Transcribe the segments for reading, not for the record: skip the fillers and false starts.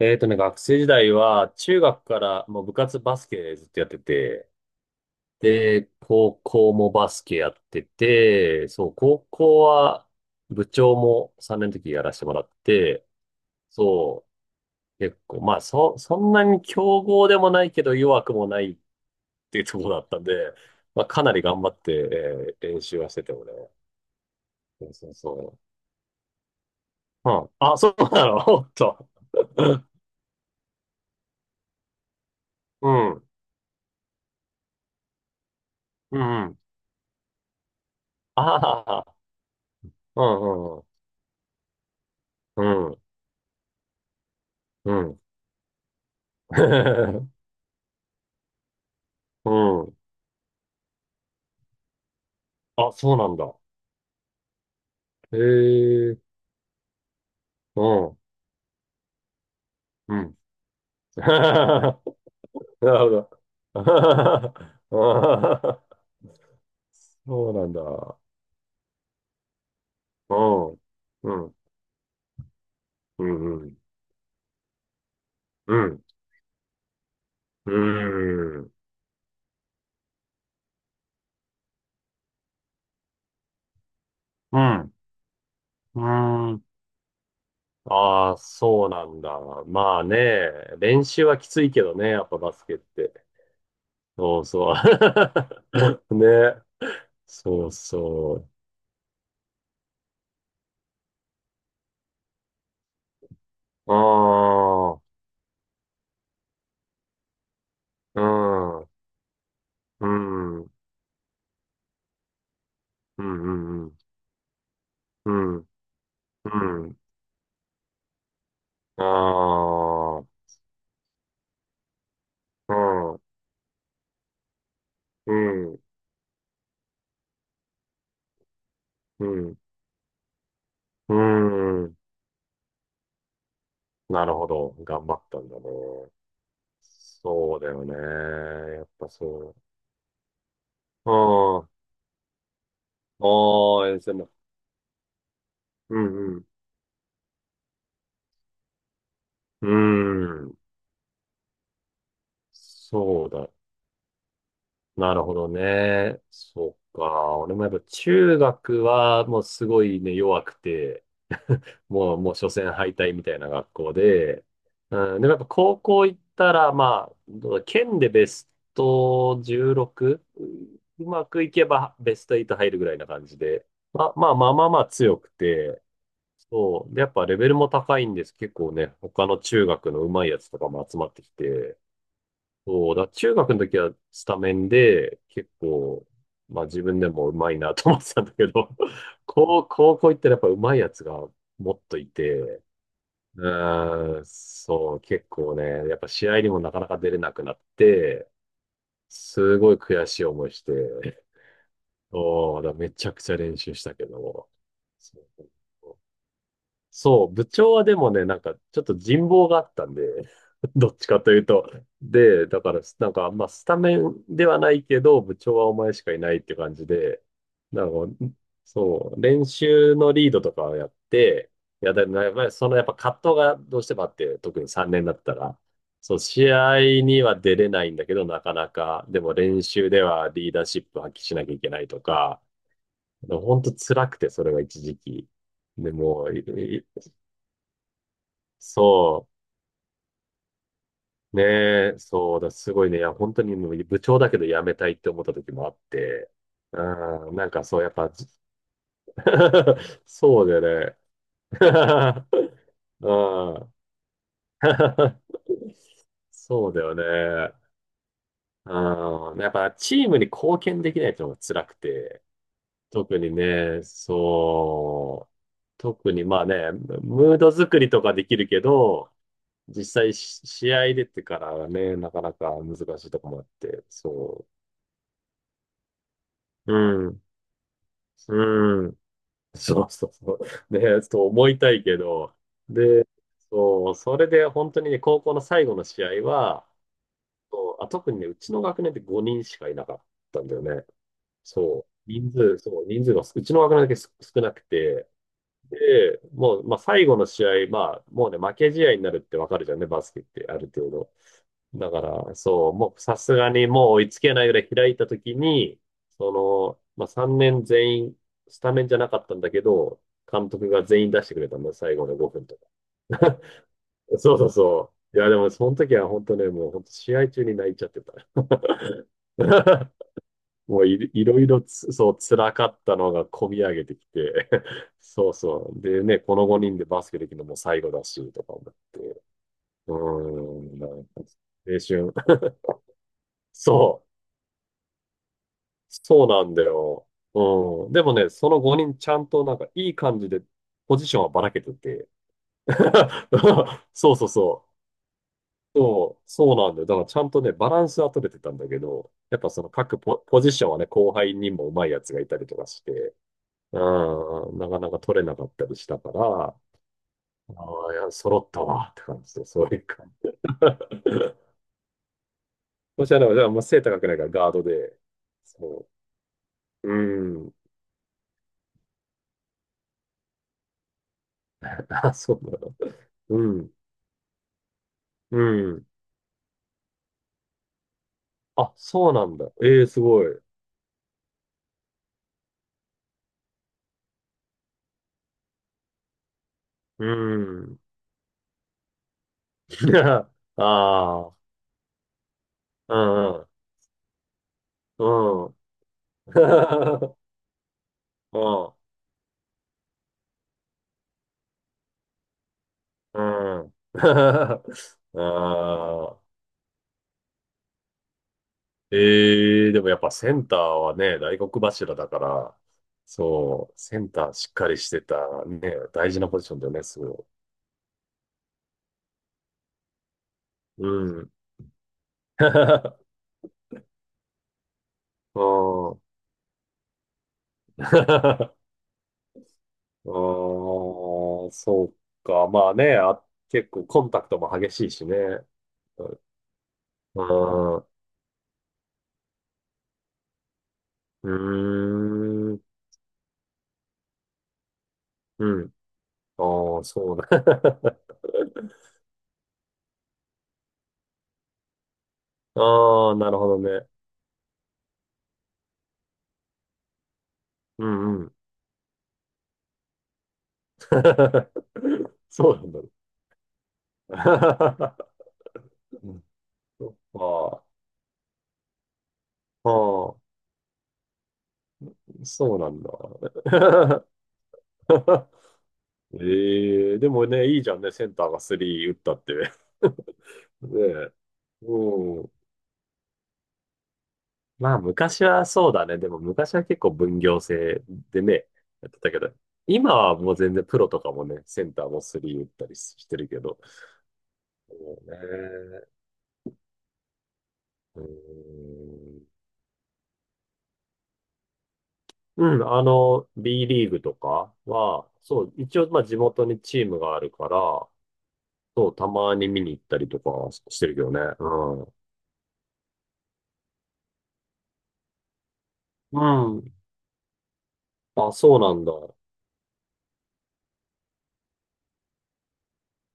学生時代は、中学からもう部活バスケずっとやってて、で、高校もバスケやってて、そう、高校は部長も3年の時やらせてもらって、そう、結構、まあ、そんなに強豪でもないけど弱くもないっていうところだったんで、まあ、かなり頑張って、練習はしててもね。そうそうそう。うん。あ、そうなの。 おっと。うん。うん。ああ、うんうんうん。うんうん。うん。あ、そうなんだ。へえ。うん。うん。なるほど。そうなんだ。うん。うん。うん。うん。うん。うん。うん。うん。ああ、そうなんだ。まあね、練習はきついけどね、やっぱバスケって。そうそう。ね。そうそう。ああ、うん。うん。うんうんうん。うんうん。ああ。うん。うん。うん。うん。なるほど。頑張ったんだね。そうだよね。やっぱそう。ああ。ああ、え、でも。うんうん。うん。そうだ。なるほどね。そうか。俺もやっぱ中学はもうすごいね、弱くて。もう初戦敗退みたいな学校で、うん、でもやっぱ高校行ったら、まあ、どうだ県でベスト16、うまくいけばベスト8入るぐらいな感じで、まあまあまあまあまあ強くて、そう。で、やっぱレベルも高いんです。結構ね、他の中学の上手いやつとかも集まってきて、そう。だから中学の時はスタメンで、結構、まあ自分でも上手いなと思ってたんだけど、高校行ったらやっぱ上手いやつがもっといて、うーん、そう、結構ね、やっぱ試合にもなかなか出れなくなって、すごい悔しい思いして、おー、だからめちゃくちゃ練習したけども、そうそう、部長はでもね、なんか、ちょっと人望があったんで、どっちかというと。で、だから、なんか、まあ、スタメンではないけど、部長はお前しかいないって感じで、なんか、そう、練習のリードとかをやって、いや、でもやっぱりそのやっぱ葛藤がどうしてもあって、特に3年だったら、そう、試合には出れないんだけど、なかなか、でも練習ではリーダーシップ発揮しなきゃいけないとか、本当辛くて、それが一時期。でもう、いそう。ねえ、そうだ、すごいね。いや、本当にもう部長だけど辞めたいって思った時もあって。うん、なんかそう、やっぱ。 そうだよね。うん。そうだよね。うん。やっぱチームに貢献できないってのが辛くて。特にね、そう。特にまあね、ムード作りとかできるけど、実際試合出てからがね、なかなか難しいとこもあって、そう。うん。うん。そうそうそう。ね、ちょっと思いたいけど。で、そう、それで本当にね、高校の最後の試合は、そう、あ、特にね、うちの学年で5人しかいなかったんだよね。そう。人数、そう、人数が、うちの学年だけ少なくて、で、もう、まあ、最後の試合、まあ、もうね、負け試合になるってわかるじゃんね、バスケって、ある程度。だから、そう、もうさすがにもう追いつけないぐらい開いたときに、その、まあ、3年全員、スタメンじゃなかったんだけど、監督が全員出してくれたんだ、最後の5分とか。そうそうそう。いや、でもその時は本当ね、もう本当試合中に泣いちゃってた。もう、いろいろ、そう、辛かったのが込み上げてきて、そうそう。でね、この5人でバスケできるのも最後だし、とか思って。うーん、なんか青春。そう。そうなんだよ。うん。でもね、その5人ちゃんとなんかいい感じでポジションはばらけてて。そうそうそう。そう、そうなんだよ。だからちゃんとね、バランスは取れてたんだけど、やっぱそのポジションはね、後輩にも上手いやつがいたりとかして、うん、なかなか取れなかったりしたから、ああ、いや、揃ったわって感じで、そういう感じ。そしたら、じゃあ、まあ、背高くないからガードで、そう。うん。あ、そうなの。うん。うん。あ、そうなんだ。ええー、すごい。うん。ああ、うん、うん、うん。うん、うん。ああ、ええー、でもやっぱセンターはね、大黒柱だから、そう、センターしっかりしてた、ね、大事なポジションだよね、すごい。うん。うん。うん、そうか。まあね、あ、結構コンタクトも激しいしね。ああ、うーん、うん。ああ、そうだ。ああ、なるほどね。うんうん。そうなんだね。うん、そっか。ああ、そうなんだ。ええ、でもね、いいじゃんね、センターが3打ったって。ねえ。うん。まあ、昔はそうだね。でも昔は結構分業制でね、やってたけど、今はもう全然プロとかもね、センターもスリー打ったりしてるけど。そうね。うーん。うん、B リーグとかは、そう、一応、まあ、地元にチームがあるから、そう、たまに見に行ったりとかしてるけどね。うん。うん。あ、そうなんだ。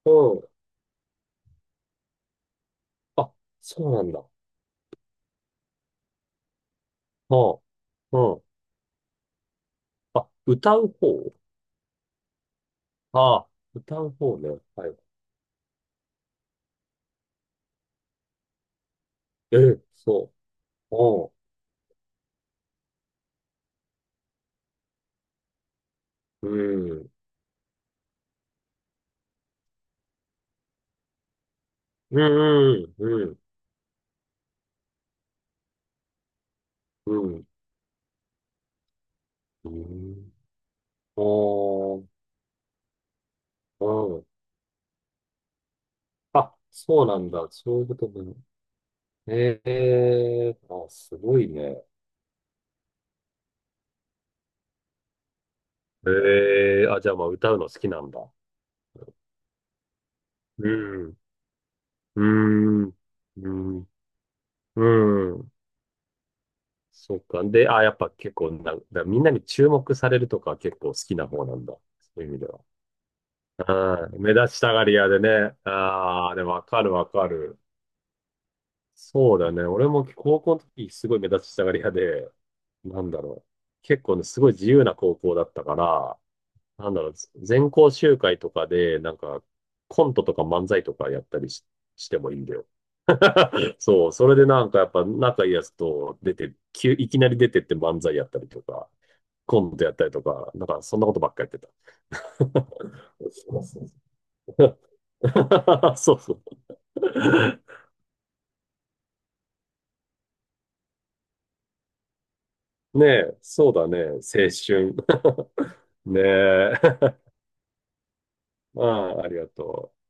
うん。あ、そうなんだ。うん。うん。あ、歌う方？ああ、歌う方ね。はい。ええ、そう。おう。うん。うん、うん、うん、うん。うん。おー、うん。あ、そうなんだ。そういうことね。ええ、あ、すごいね。ええ、あ、じゃあまあ歌うの好きなんだ。うん、うん、うん、うん。そっか。で、あ、やっぱ結構な、だみんなに注目されるとか結構好きな方なんだ。そういう意味では。うん、目立ちたがり屋でね。ああ、でもわかるわかる。そうだね。俺も高校の時すごい目立ちたがり屋で、なんだろう。結構ね、すごい自由な高校だったから、なんだろう、全校集会とかで、なんか、コントとか漫才とかやったりし、てもいいんだよ。そう、それでなんかやっぱ仲いいやつと出て、いきなり出てって漫才やったりとか、コントやったりとか、なんかそんなことばっかやってた。そうそうそう。そうそう、ねえ、そうだね。青春。ねえ。ああ、ありがとう。